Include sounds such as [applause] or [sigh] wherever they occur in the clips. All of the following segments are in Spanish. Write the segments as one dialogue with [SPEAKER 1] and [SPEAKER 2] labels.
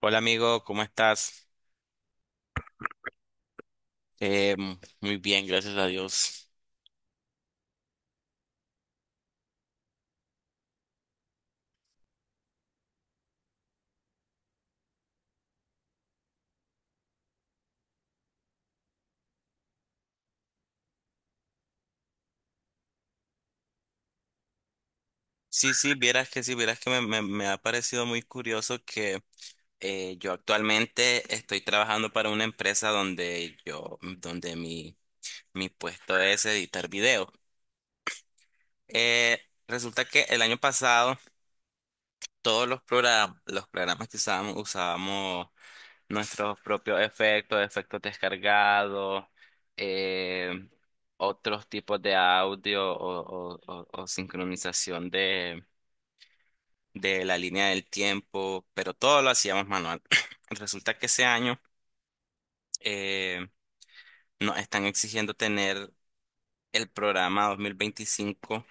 [SPEAKER 1] Hola amigo, ¿cómo estás? Muy bien, gracias a Dios. Sí, sí, vieras que me ha parecido muy curioso que yo actualmente estoy trabajando para una empresa donde yo, donde mi puesto es editar video. Eh, Resulta que el año pasado todos los programas que usábamos, usábamos nuestros propios efectos, efectos descargados, eh, otros tipos de audio o sincronización de la línea del tiempo, pero todo lo hacíamos manual. [clears throat] Resulta que ese año eh, nos están exigiendo tener el programa 2025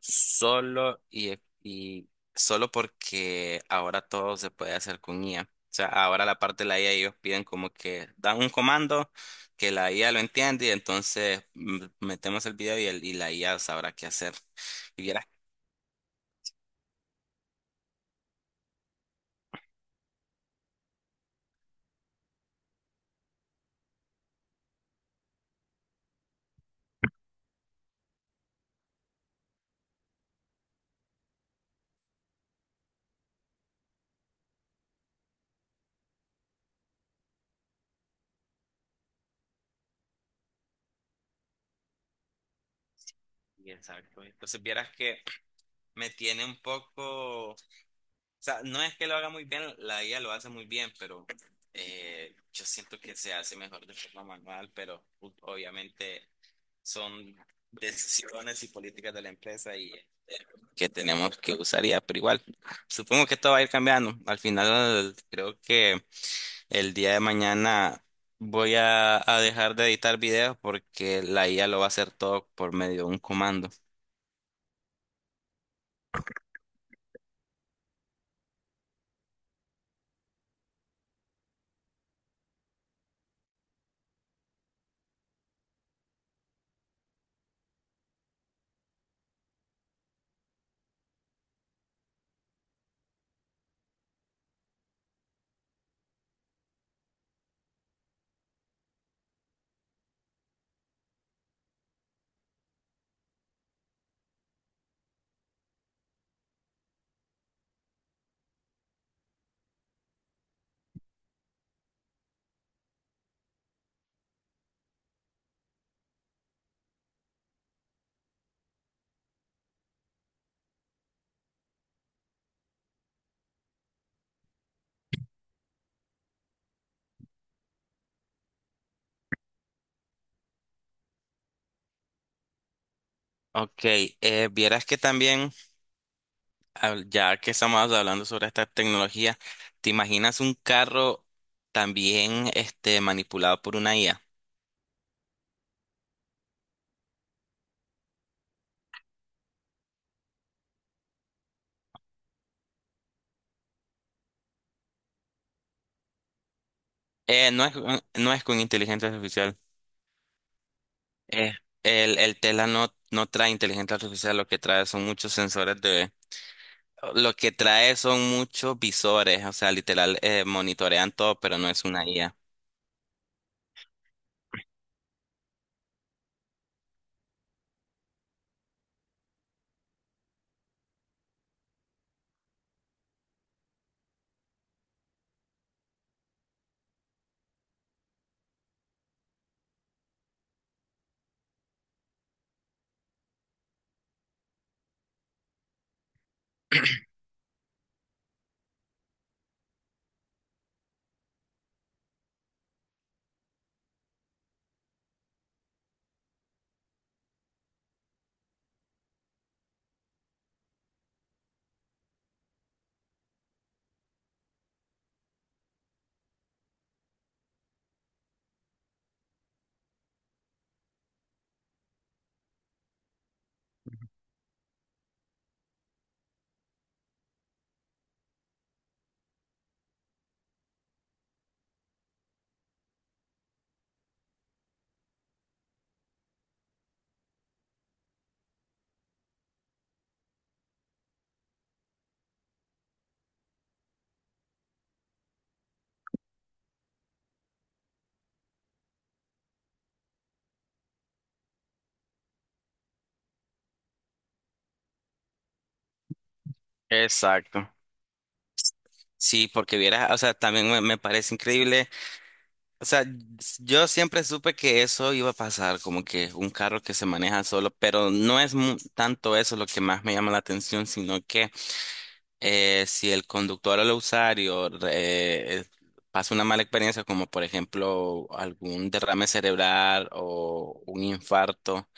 [SPEAKER 1] solo y solo porque ahora todo se puede hacer con IA. O sea, ahora la parte de la IA ellos piden como que dan un comando que la IA lo entiende y entonces metemos el video y la IA sabrá qué hacer. Y vieras, y exacto. Entonces vieras que me tiene un poco, o sea, no es que lo haga muy bien, la IA lo hace muy bien, pero yo siento que se hace mejor de forma manual, pero obviamente son decisiones y políticas de la empresa y que tenemos que usar ya, pero igual, supongo que esto va a ir cambiando. Al final, creo que el día de mañana voy a dejar de editar videos porque la IA lo va a hacer todo por medio de un comando. Ok, vieras que también, ya que estamos hablando sobre esta tecnología, ¿te imaginas un carro también este, manipulado por una IA? Eh, no es, no es con inteligencia artificial. Eh, el Tela no, no trae inteligencia artificial, lo que trae son muchos sensores de... Lo que trae son muchos visores, o sea, literal, monitorean todo, pero no es una IA. Exacto. Sí, porque vieras, o sea, también me parece increíble. O sea, yo siempre supe que eso iba a pasar, como que un carro que se maneja solo, pero no es tanto eso lo que más me llama la atención, sino que si el conductor o el usuario pasa una mala experiencia, como por ejemplo algún derrame cerebral o un infarto,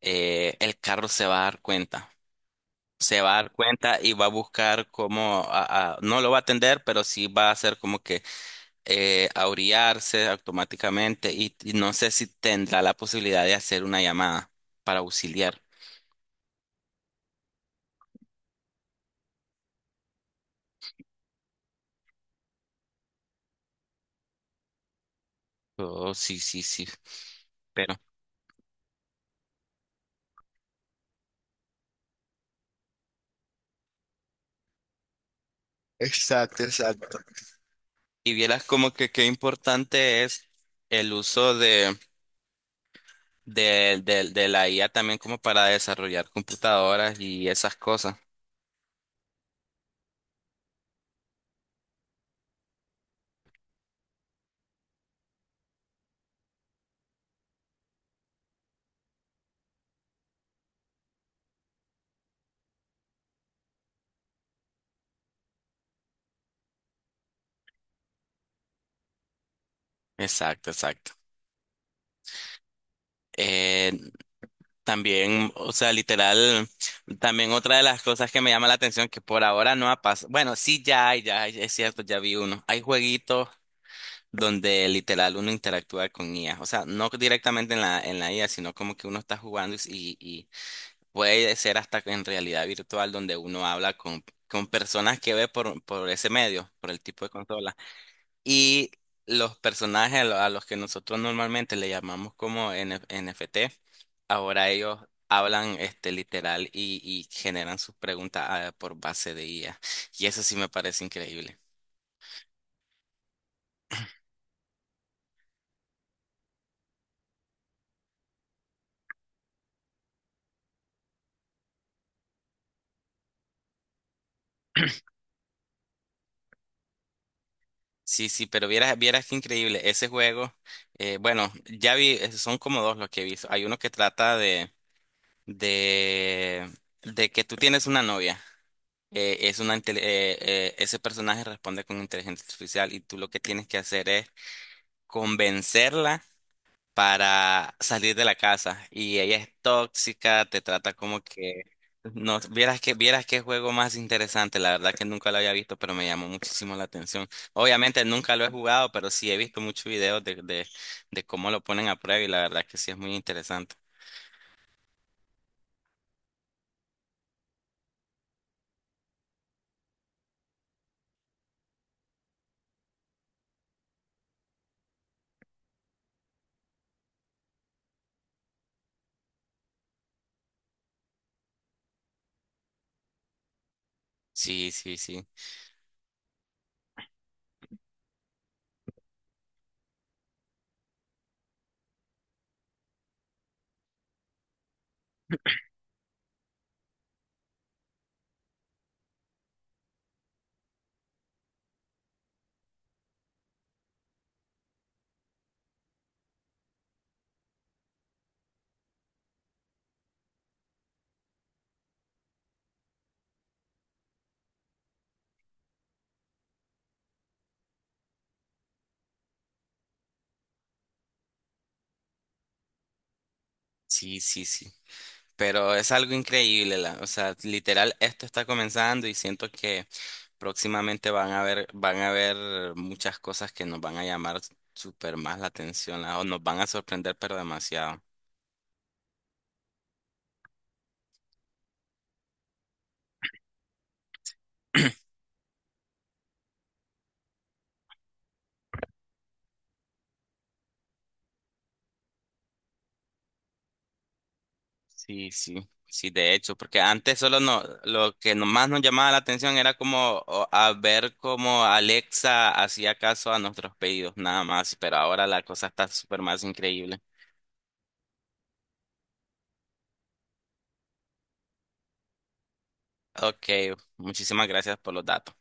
[SPEAKER 1] el carro se va a dar cuenta. Se va a dar cuenta y va a buscar cómo, no lo va a atender, pero sí va a hacer como que a automáticamente y no sé si tendrá la posibilidad de hacer una llamada para auxiliar. Oh, sí, sí, sí, pero... Exacto, exacto. Y vieras como que qué importante es el uso de la IA también como para desarrollar computadoras y esas cosas. Exacto, exacto. Eh, También, o sea, literal, también otra de las cosas que me llama la atención que por ahora no ha pasado. Bueno, sí, ya hay, es cierto, ya vi uno. Hay jueguitos donde literal uno interactúa con IA. O sea, no directamente en la IA, sino como que uno está jugando y puede ser hasta en realidad virtual donde uno habla con personas que ve por ese medio, por el tipo de consola. Y los personajes a los que nosotros normalmente le llamamos como N NFT, ahora ellos hablan este literal y generan sus preguntas por base de IA. Y eso sí me parece increíble. Sí, sí, pero vieras, vieras qué increíble. Ese juego, bueno, ya vi, son como dos los que he visto. Hay uno que trata de, de que tú tienes una novia. eh, es una, intele- eh, Ese personaje responde con inteligencia artificial y tú lo que tienes que hacer es convencerla para salir de la casa. Y ella es tóxica, te trata como que... No, vieras que, vieras qué juego más interesante, la verdad que nunca lo había visto, pero me llamó muchísimo la atención. Obviamente nunca lo he jugado, pero sí he visto muchos videos de cómo lo ponen a prueba y la verdad que sí es muy interesante. Sí, sí, sí. Sí, sí, sí. Pero es algo increíble, o sea, literal, esto está comenzando y siento que próximamente van a haber muchas cosas que nos van a llamar súper más la atención, o nos van a sorprender, pero demasiado. Sí, sí, sí, de hecho, porque antes solo no, lo que más nos llamaba la atención era a ver cómo Alexa hacía caso a nuestros pedidos, nada más, pero ahora la cosa está súper más increíble. Ok, muchísimas gracias por los datos.